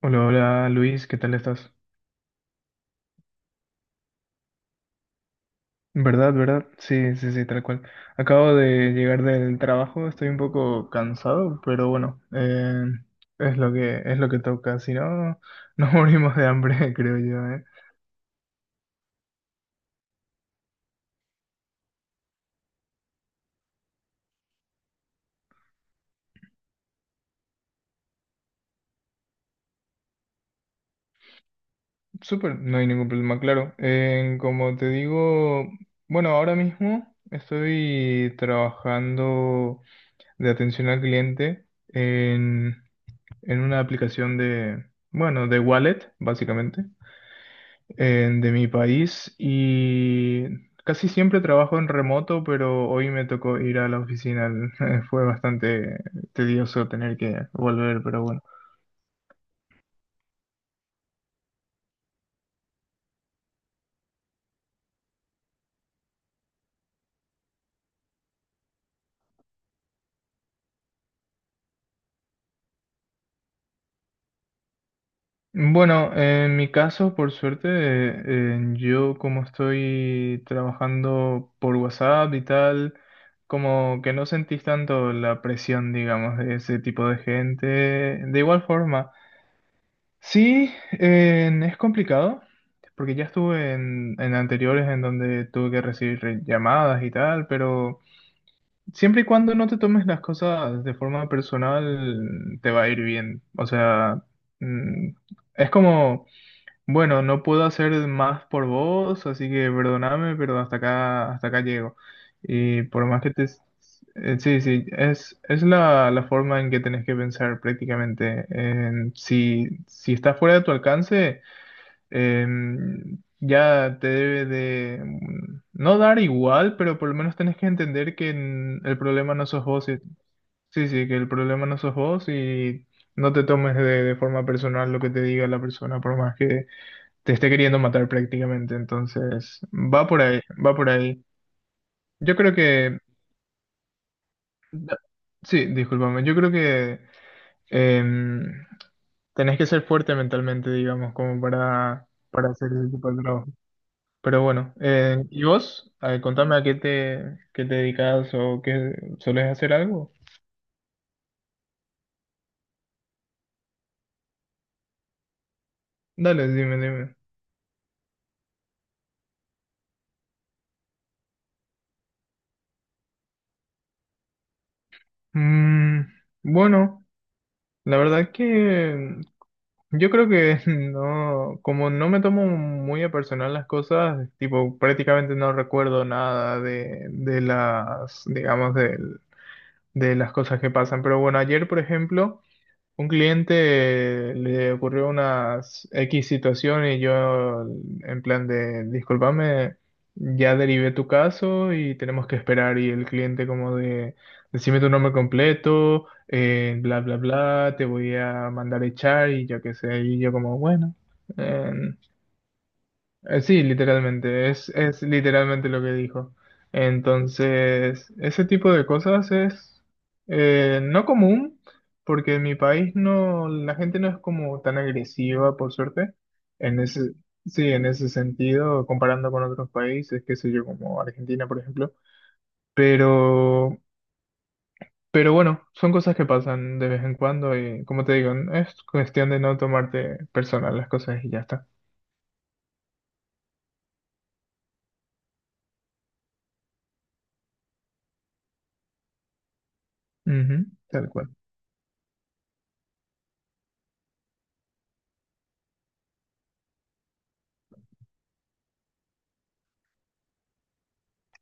Hola, hola Luis, ¿qué tal estás? ¿Verdad, verdad? Sí, sí, sí, tal cual. Acabo de llegar del trabajo, estoy un poco cansado, pero bueno, es lo que toca, si no, nos morimos de hambre, creo yo, ¿eh? Súper, no hay ningún problema, claro. Como te digo, bueno, ahora mismo estoy trabajando de atención al cliente en una aplicación de, bueno, de wallet, básicamente. De mi país y casi siempre trabajo en remoto, pero hoy me tocó ir a la oficina. Fue bastante tedioso tener que volver, pero bueno. Bueno, en mi caso, por suerte, yo como estoy trabajando por WhatsApp y tal, como que no sentís tanto la presión, digamos, de ese tipo de gente. De igual forma. Sí, es complicado, porque ya estuve en anteriores en donde tuve que recibir llamadas y tal, pero siempre y cuando no te tomes las cosas de forma personal, te va a ir bien. O sea, mm, es como... Bueno, no puedo hacer más por vos, así que perdoname, pero hasta acá llego. Y por más que te... sí, sí, es la forma en que tenés que pensar prácticamente. En si, si está fuera de tu alcance, ya te debe de... no dar igual, pero por lo menos tenés que entender que el problema no sos vos. Sí, sí, que el problema no sos vos y no te tomes de forma personal lo que te diga la persona, por más que te esté queriendo matar prácticamente. Entonces, va por ahí, va por ahí. Yo creo que, sí, discúlpame, yo creo que em, tenés que ser fuerte mentalmente, digamos, como para hacer ese tipo de trabajo. Pero bueno, ¿y vos? A contame a qué te dedicas o qué, ¿solés hacer algo? Dale, dime, dime. Mm, bueno, la verdad que yo creo que no, como no me tomo muy a personal las cosas, tipo, prácticamente no recuerdo nada de, de las, digamos, de las cosas que pasan. Pero bueno, ayer, por ejemplo, un cliente le ocurrió unas X situación y yo en plan de, discúlpame, ya derivé tu caso y tenemos que esperar y el cliente como de, decime tu nombre completo, bla, bla, bla, te voy a mandar a echar y yo qué sé, y yo como, bueno, eh, sí, literalmente, es literalmente lo que dijo. Entonces, ese tipo de cosas es no común, porque en mi país no, la gente no es como tan agresiva, por suerte. En ese, sí, en ese sentido, comparando con otros países, qué sé yo, como Argentina, por ejemplo. Pero, pero bueno, son cosas que pasan de vez en cuando y, como te digo, es cuestión de no tomarte personal las cosas y ya está. Ujú, tal cual.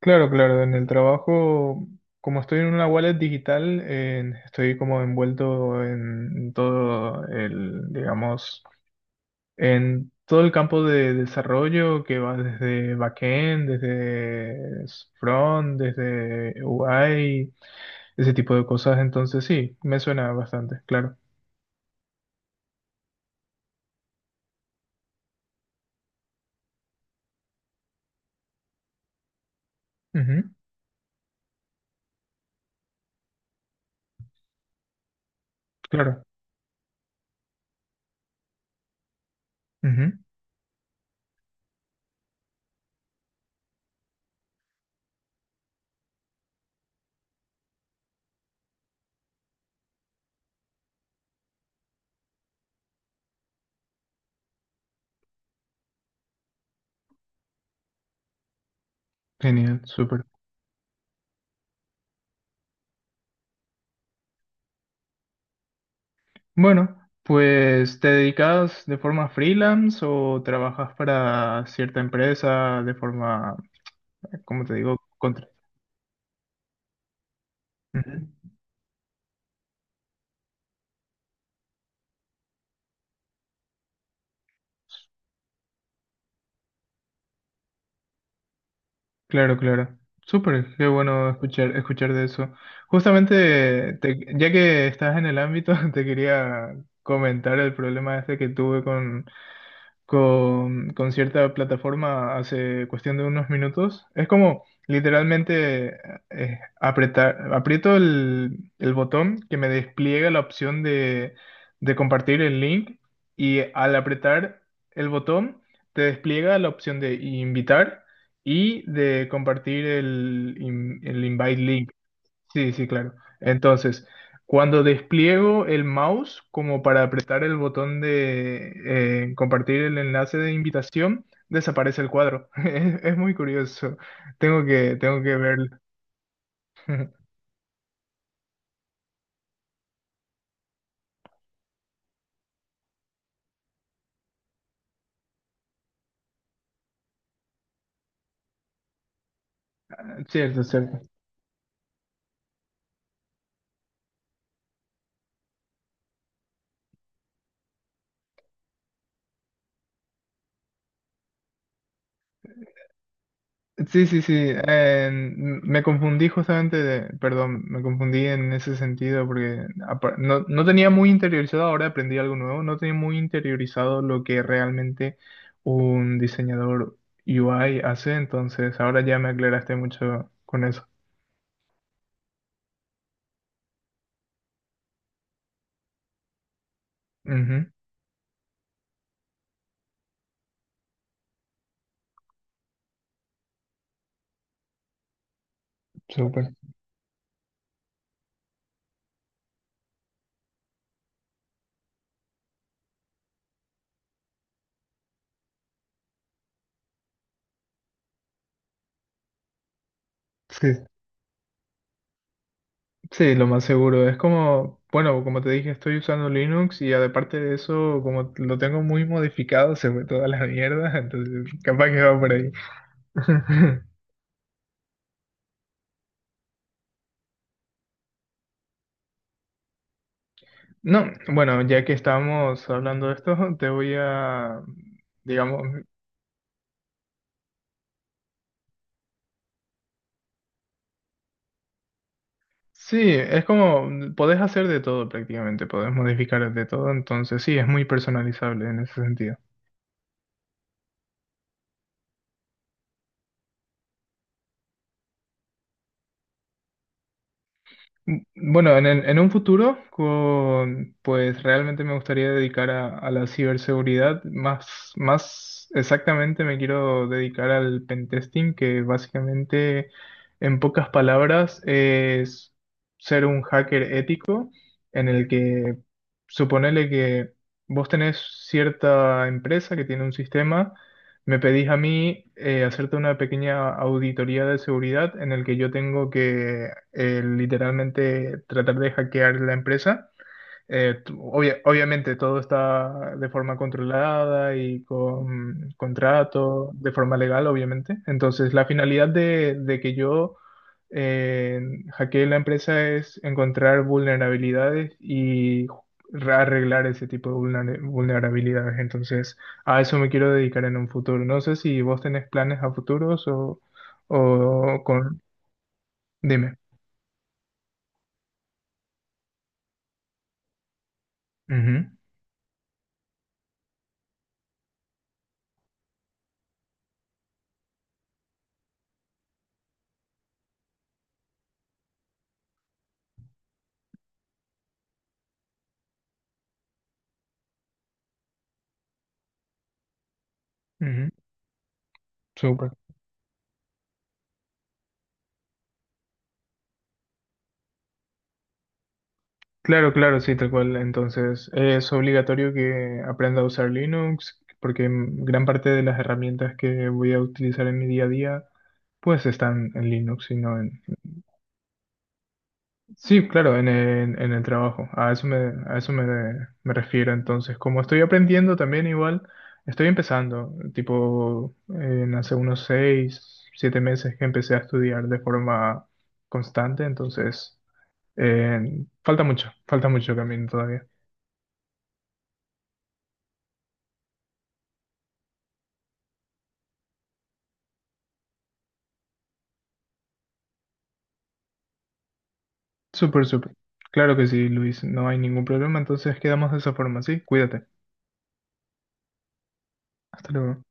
Claro, claro, en el trabajo, como estoy en una wallet digital, estoy como envuelto en todo el, digamos, en todo el campo de desarrollo que va desde backend, desde front, desde UI, ese tipo de cosas. Entonces sí, me suena bastante, claro. Ujú, claro. Ujú, genial, súper. Bueno, pues ¿te dedicas de forma freelance o trabajas para cierta empresa de forma, como te digo, contra? Ujú. Claro, claro. Súper, qué bueno escuchar, escuchar de eso. Justamente, ya que estás en el ámbito, te quería comentar el problema este que tuve con cierta plataforma hace cuestión de unos minutos. Es como literalmente apretar, aprieto el botón que me despliega la opción de compartir el link y al apretar el botón te despliega la opción de invitar y de compartir el invite link. Sí, sí, claro. Entonces, cuando despliego el mouse como para apretar el botón de compartir el enlace de invitación, desaparece el cuadro. Es muy curioso. Tengo que verlo. Cierto, cierto. Sí, sí, sí. Me confundí justamente de, perdón, me confundí en ese sentido porque no, no tenía muy interiorizado, ahora aprendí algo nuevo, no tenía muy interiorizado lo que realmente un diseñador UI hace, entonces ahora ya me aclaraste mucho con eso. Ujú, súper. Sí, sí, lo más seguro. Es como, bueno, como te dije, estoy usando Linux y aparte de eso, como lo tengo muy modificado, se fue toda la mierda, entonces capaz que va por ahí. No, bueno, ya que estamos hablando de esto, te voy a, digamos, sí, es como, podés hacer de todo prácticamente, podés modificar de todo, entonces sí, es muy personalizable en ese sentido. Bueno, En un futuro, pues realmente me gustaría dedicar a la ciberseguridad. Más, más exactamente me quiero dedicar al pentesting, que básicamente, en pocas palabras, es ser un hacker ético en el que suponele que vos tenés cierta empresa que tiene un sistema. Me pedís a mí hacerte una pequeña auditoría de seguridad en el que yo tengo que literalmente tratar de hackear la empresa. Obviamente todo está de forma controlada y con contrato, de forma legal, obviamente. Entonces, la finalidad de que yo eh, hackee la empresa es encontrar vulnerabilidades y arreglar ese tipo de vulnerabilidades. Entonces, a eso me quiero dedicar en un futuro. No sé si vos tenés planes a futuros o con... Dime. Ujú, ujú, súper. Claro, claro, sí, tal cual. Entonces, es obligatorio que aprenda a usar Linux, porque gran parte de las herramientas que voy a utilizar en mi día a día, pues están en Linux y no en... Sí, claro, en el trabajo. A eso me, me refiero. Entonces, como estoy aprendiendo también igual, estoy empezando, tipo, en hace unos seis, siete meses que empecé a estudiar de forma constante, entonces, falta mucho camino todavía. Súper, súper. Claro que sí, Luis. No hay ningún problema. Entonces quedamos de esa forma, ¿sí? Cuídate. Hasta luego.